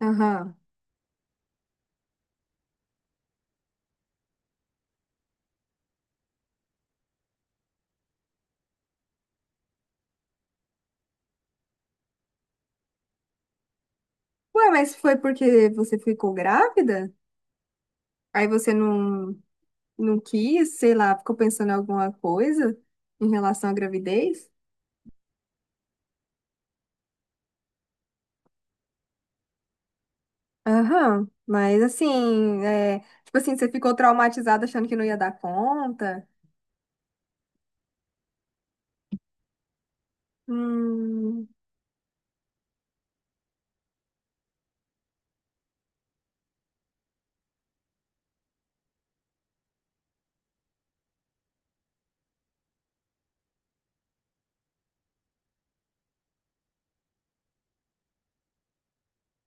Aham. Ué, mas foi porque você ficou grávida? Aí você não quis, sei lá, ficou pensando em alguma coisa em relação à gravidez? Aham. Mas assim, é, tipo assim, você ficou traumatizada achando que não ia dar conta? Hum.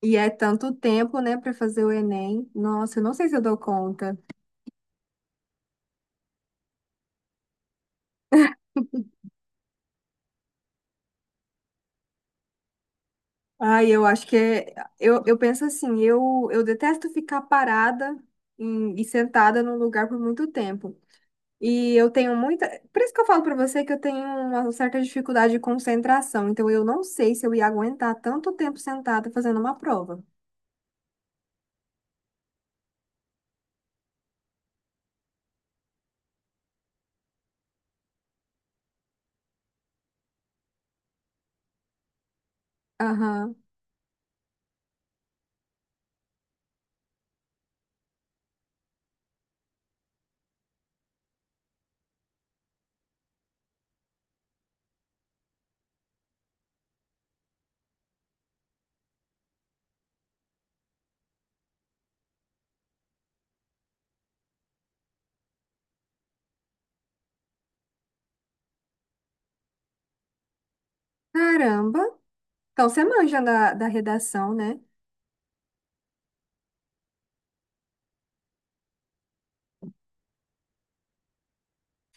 E é tanto tempo, né, pra fazer o Enem. Nossa, eu não sei se eu dou conta. Ai, eu acho que é, eu penso assim, eu detesto ficar parada e sentada num lugar por muito tempo. E eu tenho muita. Por isso que eu falo pra você que eu tenho uma certa dificuldade de concentração. Então eu não sei se eu ia aguentar tanto tempo sentada fazendo uma prova. Aham. Caramba. Então você manja da redação, né?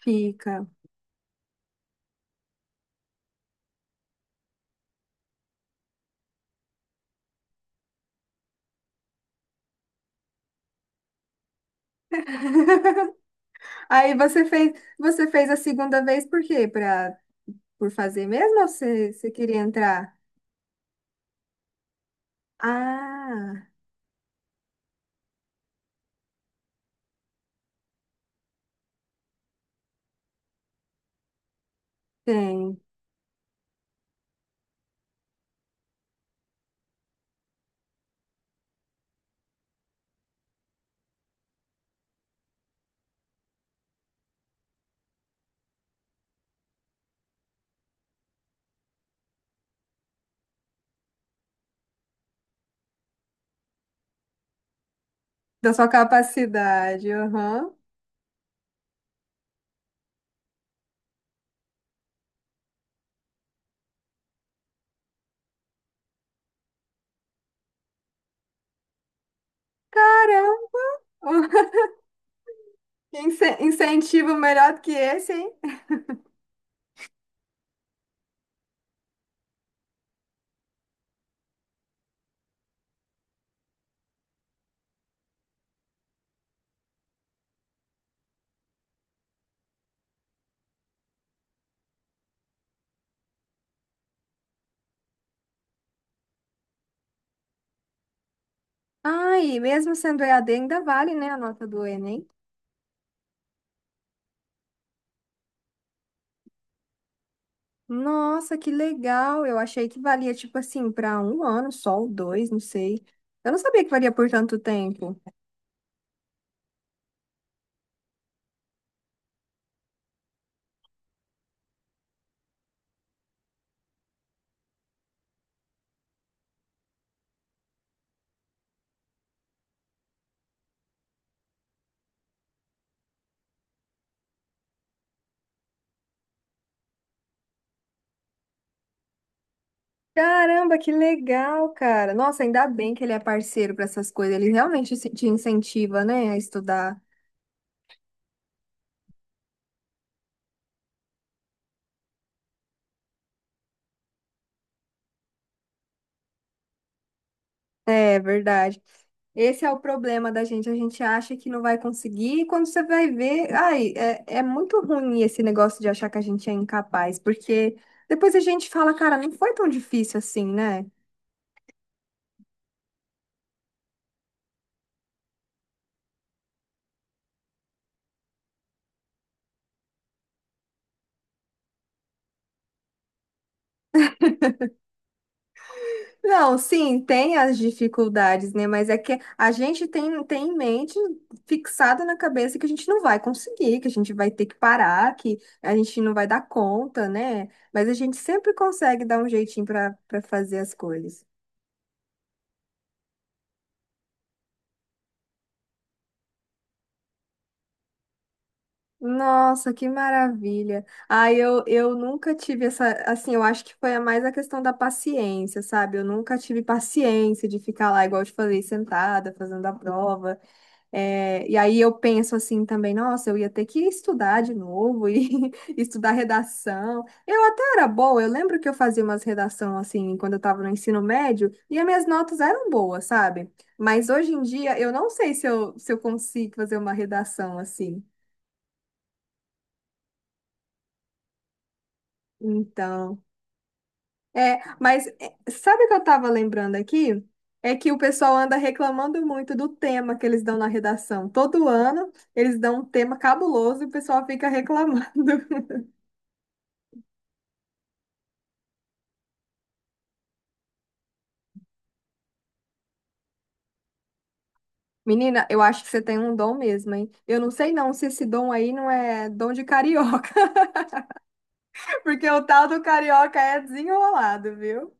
Fica. Aí você fez a segunda vez por quê? Por fazer mesmo ou você queria entrar? Ah, tem. Da sua capacidade. Aham. Caramba. Incentivo melhor do que esse, hein? Ai mesmo sendo EAD, ainda vale, né, a nota do Enem? Nossa, que legal! Eu achei que valia, tipo assim, para um ano só, ou dois, não sei. Eu não sabia que valia por tanto tempo. Caramba, que legal, cara! Nossa, ainda bem que ele é parceiro para essas coisas. Ele realmente te incentiva, né, a estudar. É verdade. Esse é o problema da gente. A gente acha que não vai conseguir, e quando você vai ver, ai, é muito ruim esse negócio de achar que a gente é incapaz, porque depois a gente fala, cara, não foi tão difícil assim, né? Não, sim, tem as dificuldades, né? Mas é que a gente tem em mente, fixado na cabeça, que a gente não vai conseguir, que a gente vai ter que parar, que a gente não vai dar conta, né? Mas a gente sempre consegue dar um jeitinho para fazer as coisas. Nossa, que maravilha. Ah, eu nunca tive essa, assim, eu acho que foi a mais a questão da paciência, sabe? Eu nunca tive paciência de ficar lá, igual eu te falei, sentada, fazendo a prova. É, e aí eu penso assim também, nossa, eu ia ter que estudar de novo e estudar redação. Eu até era boa, eu lembro que eu fazia umas redação assim, quando eu estava no ensino médio, e as minhas notas eram boas, sabe? Mas hoje em dia, eu não sei se eu consigo fazer uma redação assim. Então, é, mas é, sabe o que eu estava lembrando aqui? É que o pessoal anda reclamando muito do tema que eles dão na redação. Todo ano eles dão um tema cabuloso e o pessoal fica reclamando. Menina, eu acho que você tem um dom mesmo, hein? Eu não sei não se esse dom aí não é dom de carioca, porque o tal do carioca é desenrolado, viu?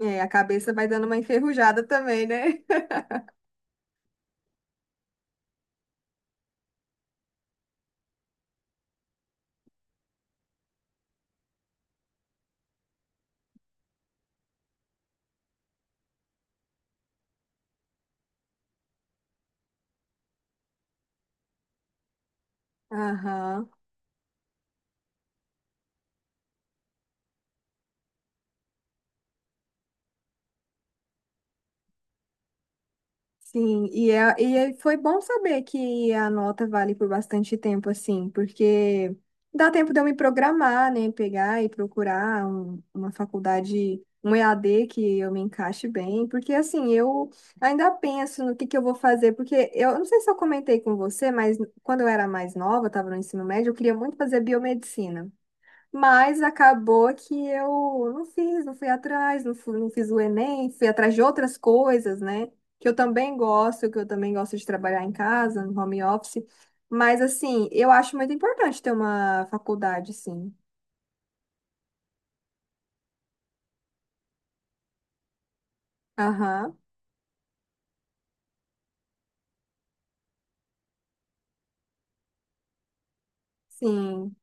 É, a cabeça vai dando uma enferrujada também, né? Aham. Sim, foi bom saber que a nota vale por bastante tempo, assim, porque dá tempo de eu me programar, né? Pegar e procurar uma faculdade, um EAD que eu me encaixe bem, porque assim, eu ainda penso no que eu vou fazer, porque eu não sei se eu comentei com você, mas quando eu era mais nova, estava no ensino médio, eu queria muito fazer biomedicina. Mas acabou que eu não fiz, não fui atrás, não fui, não fiz o Enem, fui atrás de outras coisas, né? Que eu também gosto de trabalhar em casa, no home office. Mas, assim, eu acho muito importante ter uma faculdade, sim. Aham, sim.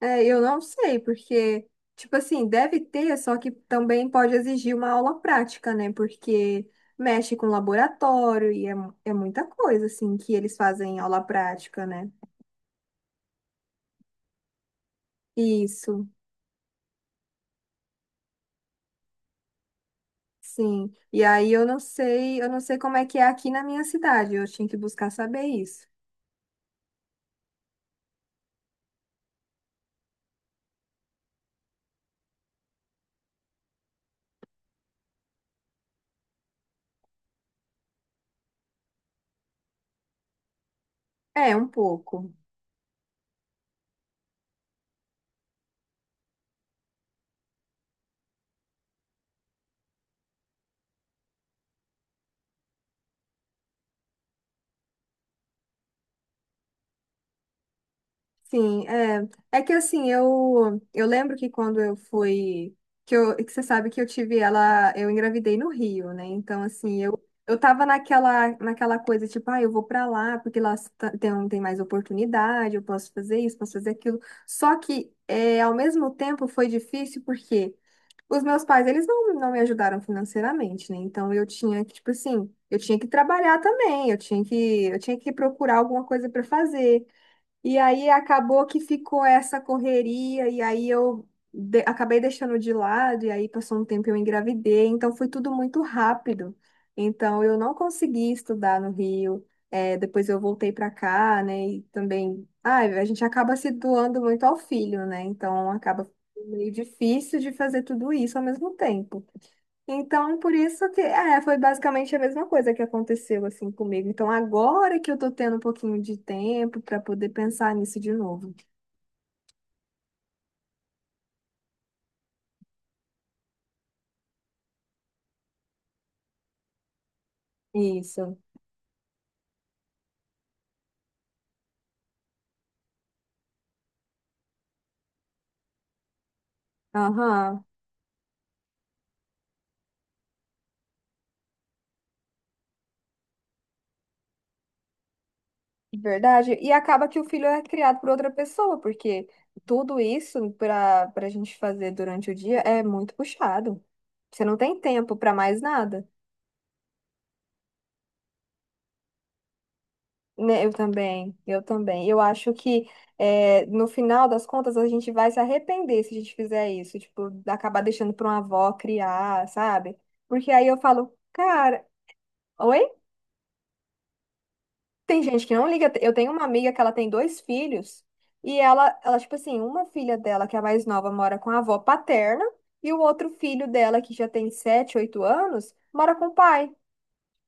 É, eu não sei, porque, tipo assim, deve ter, só que também pode exigir uma aula prática, né? Porque mexe com laboratório e é muita coisa, assim, que eles fazem em aula prática, né? Isso. Sim. E aí eu não sei como é que é aqui na minha cidade. Eu tinha que buscar saber isso. É, um pouco. Sim, é. É que assim, eu lembro que quando eu fui que você sabe que eu tive ela, eu engravidei no Rio, né? Então assim, eu tava naquela coisa tipo, ah, eu vou pra lá porque lá tem tem mais oportunidade, eu posso fazer isso, posso fazer aquilo. Só que é, ao mesmo tempo foi difícil porque os meus pais, eles não me ajudaram financeiramente, né? Então eu tinha que, tipo assim, eu tinha que trabalhar também, eu tinha que procurar alguma coisa para fazer. E aí acabou que ficou essa correria, e aí eu acabei deixando de lado, e aí passou um tempo e eu engravidei, então foi tudo muito rápido. Então eu não consegui estudar no Rio, é, depois eu voltei para cá, né? E também, ah, a gente acaba se doando muito ao filho, né? Então acaba meio difícil de fazer tudo isso ao mesmo tempo. Então, por isso que é, foi basicamente a mesma coisa que aconteceu assim comigo. Então, agora que eu tô tendo um pouquinho de tempo para poder pensar nisso de novo. Isso. Aham, verdade. E acaba que o filho é criado por outra pessoa, porque tudo isso para a gente fazer durante o dia é muito puxado. Você não tem tempo para mais nada. Né, eu também, eu também. Eu acho que é no final das contas a gente vai se arrepender se a gente fizer isso, tipo, acabar deixando para uma avó criar, sabe? Porque aí eu falo, cara, oi? Tem gente que não liga. Eu tenho uma amiga que ela tem dois filhos e ela tipo assim, uma filha dela, que é a mais nova, mora com a avó paterna e o outro filho dela, que já tem 7, 8 anos, mora com o pai.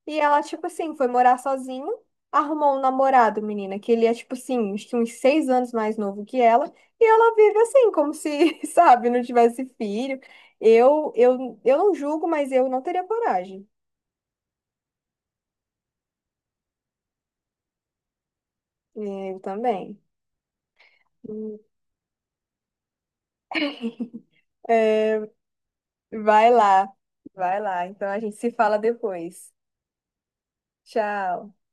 E ela, tipo assim, foi morar sozinha, arrumou um namorado, menina, que ele é, tipo assim, acho que uns 6 anos mais novo que ela, e ela vive assim, como se, sabe, não tivesse filho. Eu não julgo, mas eu não teria coragem. Eu também. É, vai lá, vai lá. Então a gente se fala depois. Tchau.